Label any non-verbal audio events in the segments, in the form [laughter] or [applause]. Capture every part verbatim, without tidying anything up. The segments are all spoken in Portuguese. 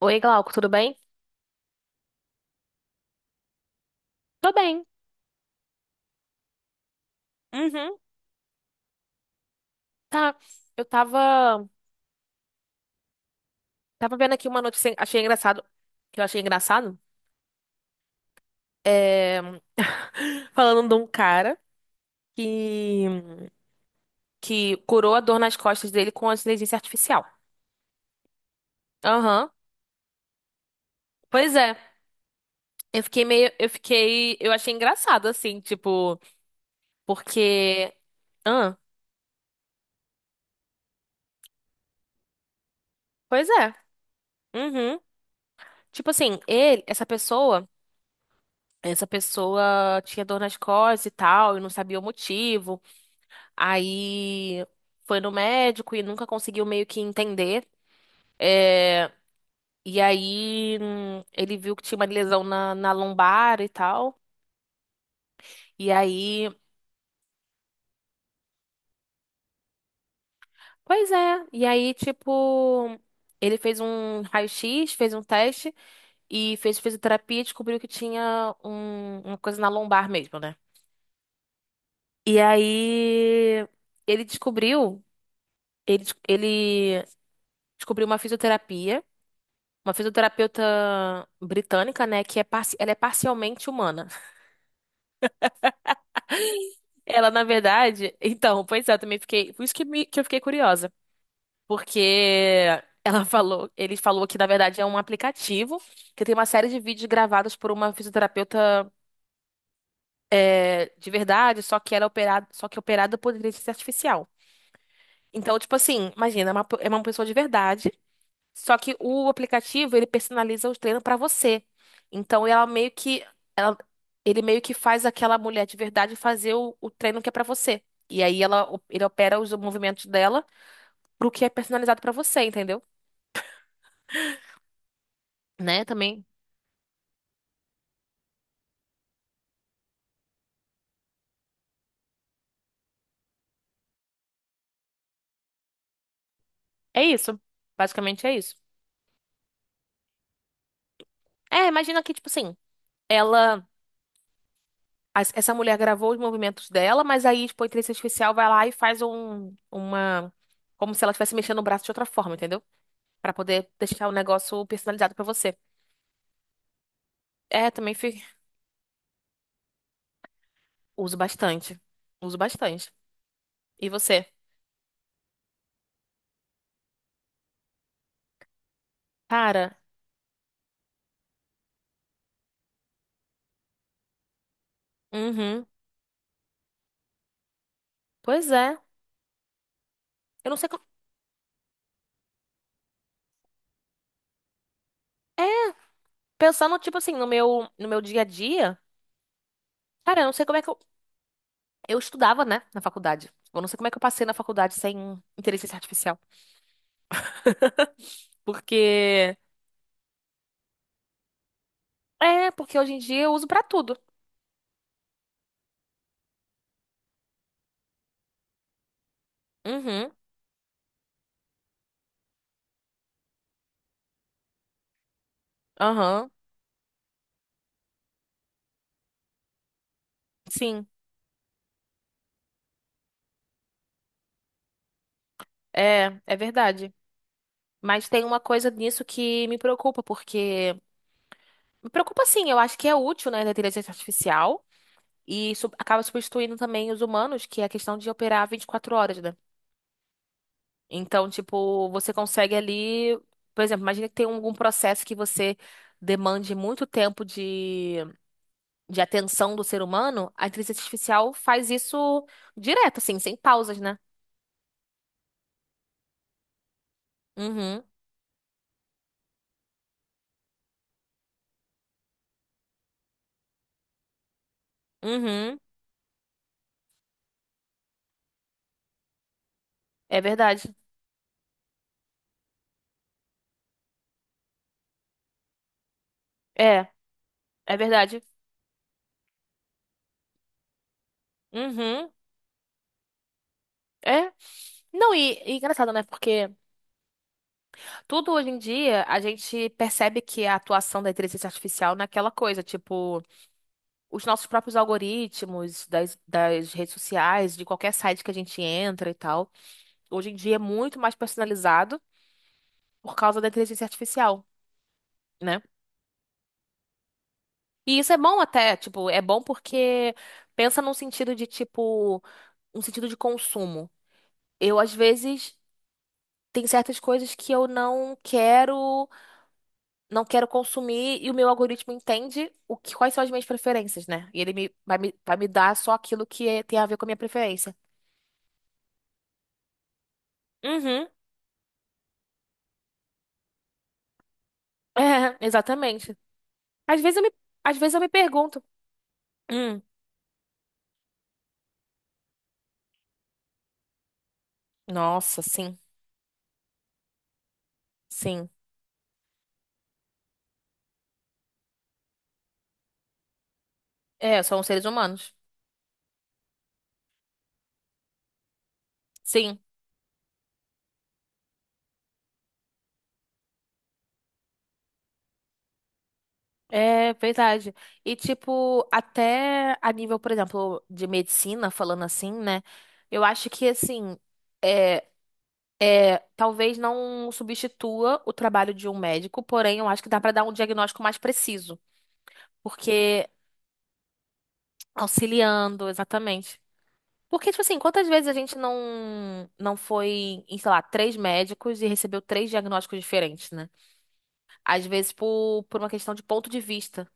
Oi, Glauco, tudo bem? Tô bem. Uhum, tá. Eu tava, tava vendo aqui uma notícia, achei engraçado, que eu achei engraçado, é, [laughs] falando de um cara que, que curou a dor nas costas dele com a inteligência artificial. Aham. Pois é. Eu fiquei meio, eu fiquei, eu achei engraçado, assim, tipo, porque... Ah, pois é. Uhum. Tipo assim, ele, essa pessoa... Essa pessoa tinha dor nas costas e tal, e não sabia o motivo. Aí foi no médico e nunca conseguiu meio que entender. É, e aí hum, ele viu que tinha uma lesão na, na lombar e tal. E aí, pois é. E aí, tipo, ele fez um raio-x, fez um teste e fez fisioterapia e descobriu que tinha um- uma coisa na lombar mesmo, né? E aí ele descobriu, ele, des- ele descobriu uma fisioterapia. Uma fisioterapeuta britânica, né, que é, parci- ela é parcialmente humana. [laughs] Ela, na verdade, então, pois é, eu também fiquei, por isso que, me- que eu fiquei curiosa, porque ela falou, ele falou que na verdade é um aplicativo que tem uma série de vídeos gravados por uma fisioterapeuta é, de verdade, só que ela é operada, só que operada por inteligência artificial. Então, tipo assim, imagina, é uma, é uma pessoa de verdade. Só que o aplicativo, ele personaliza o treino pra você. Então, ela meio que ela, ele meio que faz aquela mulher de verdade fazer o, o treino que é pra você. E aí ela ele opera os movimentos dela pro que é personalizado pra você, entendeu? Né? Também é isso. Basicamente é isso. É, imagina que tipo assim, ela as- essa mulher gravou os movimentos dela, mas aí tipo a inteligência artificial vai lá e faz um uma, como se ela estivesse mexendo o braço de outra forma, entendeu? Pra poder deixar o negócio personalizado pra você. É, também fi- uso bastante. Uso bastante. E você? Cara, uhum. Pois é. Eu não sei como. É, pensando, tipo assim, no meu, no meu dia a dia, cara, eu não sei como é que eu. Eu estudava, né, na faculdade. Eu não sei como é que eu passei na faculdade sem inteligência artificial. Porque. É, porque hoje em dia eu uso pra tudo. Uhum. Aham. Sim. É, é verdade. Mas tem uma coisa nisso que me preocupa, porque. Me preocupa sim, eu acho que é útil, né, da inteligência artificial. E su- acaba substituindo também os humanos, que é a questão de operar vinte e quatro horas, né? Então, tipo, você consegue ali, por exemplo, imagina que tem um, algum processo que você demande muito tempo de, de atenção do ser humano, a inteligência artificial faz isso direto, assim, sem pausas, né? Uhum, uhum, é verdade. É, é verdade. Uhum. É. Não, e, e engraçado, né? Porque tudo hoje em dia a gente percebe que é a atuação da inteligência artificial naquela coisa, tipo. Os nossos próprios algoritmos das, das redes sociais, de qualquer site que a gente entra e tal. Hoje em dia é muito mais personalizado por causa da inteligência artificial, né? E isso é bom até, tipo, é bom porque pensa num sentido de, tipo, um sentido de consumo. Eu, às vezes, tem certas coisas que eu não quero, não quero consumir e o meu algoritmo entende o que, quais são as minhas preferências, né? E ele me, vai me, vai me dar só aquilo que é- tem a ver com a minha preferência. Uhum. [laughs] É, exatamente. Às vezes eu me, às vezes eu me pergunto. Hum, nossa, sim, sim. É, são seres humanos. Sim, é verdade. E tipo, até a nível, por exemplo, de medicina, falando assim, né? Eu acho que assim, é, é, talvez não substitua o trabalho de um médico, porém eu acho que dá pra dar um diagnóstico mais preciso, porque auxiliando, exatamente. Porque, tipo assim, quantas vezes a gente não, não foi em, sei lá, três médicos e recebeu três diagnósticos diferentes, né? Às vezes por, por uma questão de ponto de vista.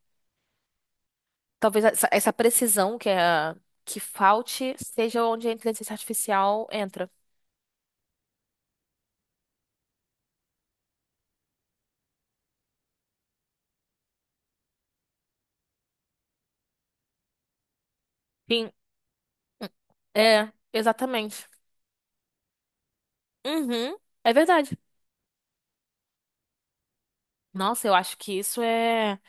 Talvez essa, essa precisão que, é, que falte seja onde a inteligência artificial entra. Sim. É, exatamente. Uhum, é verdade. Nossa, eu acho que isso é.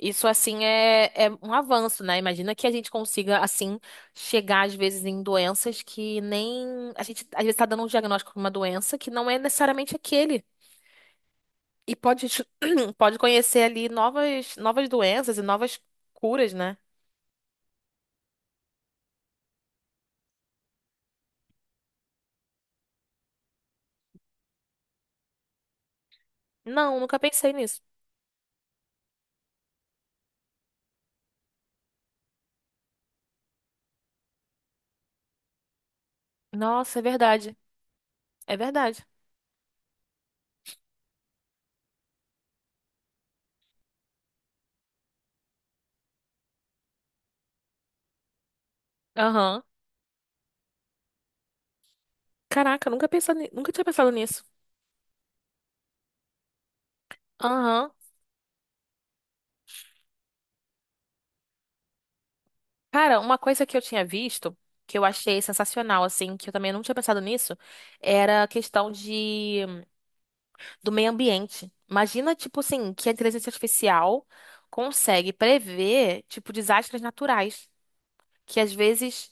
Isso, assim, é, é um avanço, né? Imagina que a gente consiga, assim, chegar, às vezes, em doenças que nem... A gente, às vezes, tá dando um diagnóstico de uma doença que não é necessariamente aquele. E pode, [clears throat] pode conhecer ali novas, novas doenças e novas curas, né? Não, nunca pensei nisso. Nossa, é verdade. É verdade. Aham. Caraca, nunca pensado, ni- nunca tinha pensado nisso. Aham. Cara, uma coisa que eu tinha visto, que eu achei sensacional, assim, que eu também não tinha pensado nisso, era a questão de do meio ambiente. Imagina, tipo assim, que a inteligência artificial consegue prever, tipo, desastres naturais, que às vezes,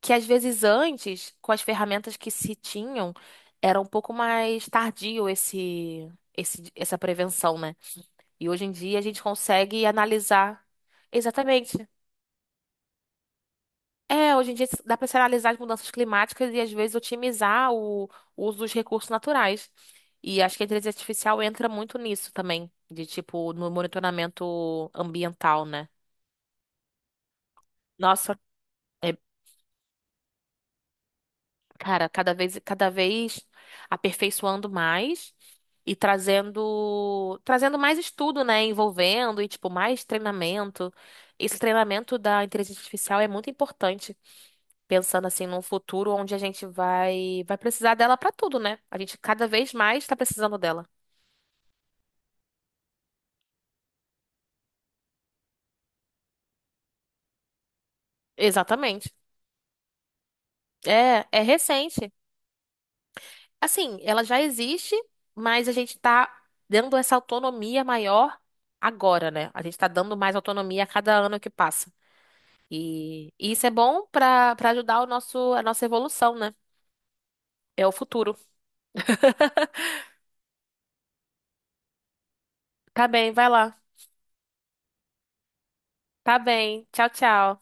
que às vezes antes, com as ferramentas que se tinham, era um pouco mais tardio esse, esse, essa prevenção, né? E hoje em dia a gente consegue analisar. Exatamente. É, hoje em dia dá para se analisar as mudanças climáticas e às vezes otimizar o, o uso dos recursos naturais. E acho que a inteligência artificial entra muito nisso também, de tipo, no monitoramento ambiental, né? Nossa, é, cara, cada vez, cada vez aperfeiçoando mais e trazendo, trazendo mais estudo, né? Envolvendo e, tipo, mais treinamento. Esse treinamento da inteligência artificial é muito importante. Pensando assim num futuro onde a gente vai vai precisar dela pra tudo, né? A gente cada vez mais tá precisando dela. Exatamente. É, é recente. Assim, ela já existe, mas a gente tá dando essa autonomia maior agora, né? A gente tá dando mais autonomia a cada ano que passa. E, e isso é bom pra para ajudar o nosso a nossa evolução, né? É o futuro. [laughs] Tá bem, vai lá. Tá bem. Tchau, tchau.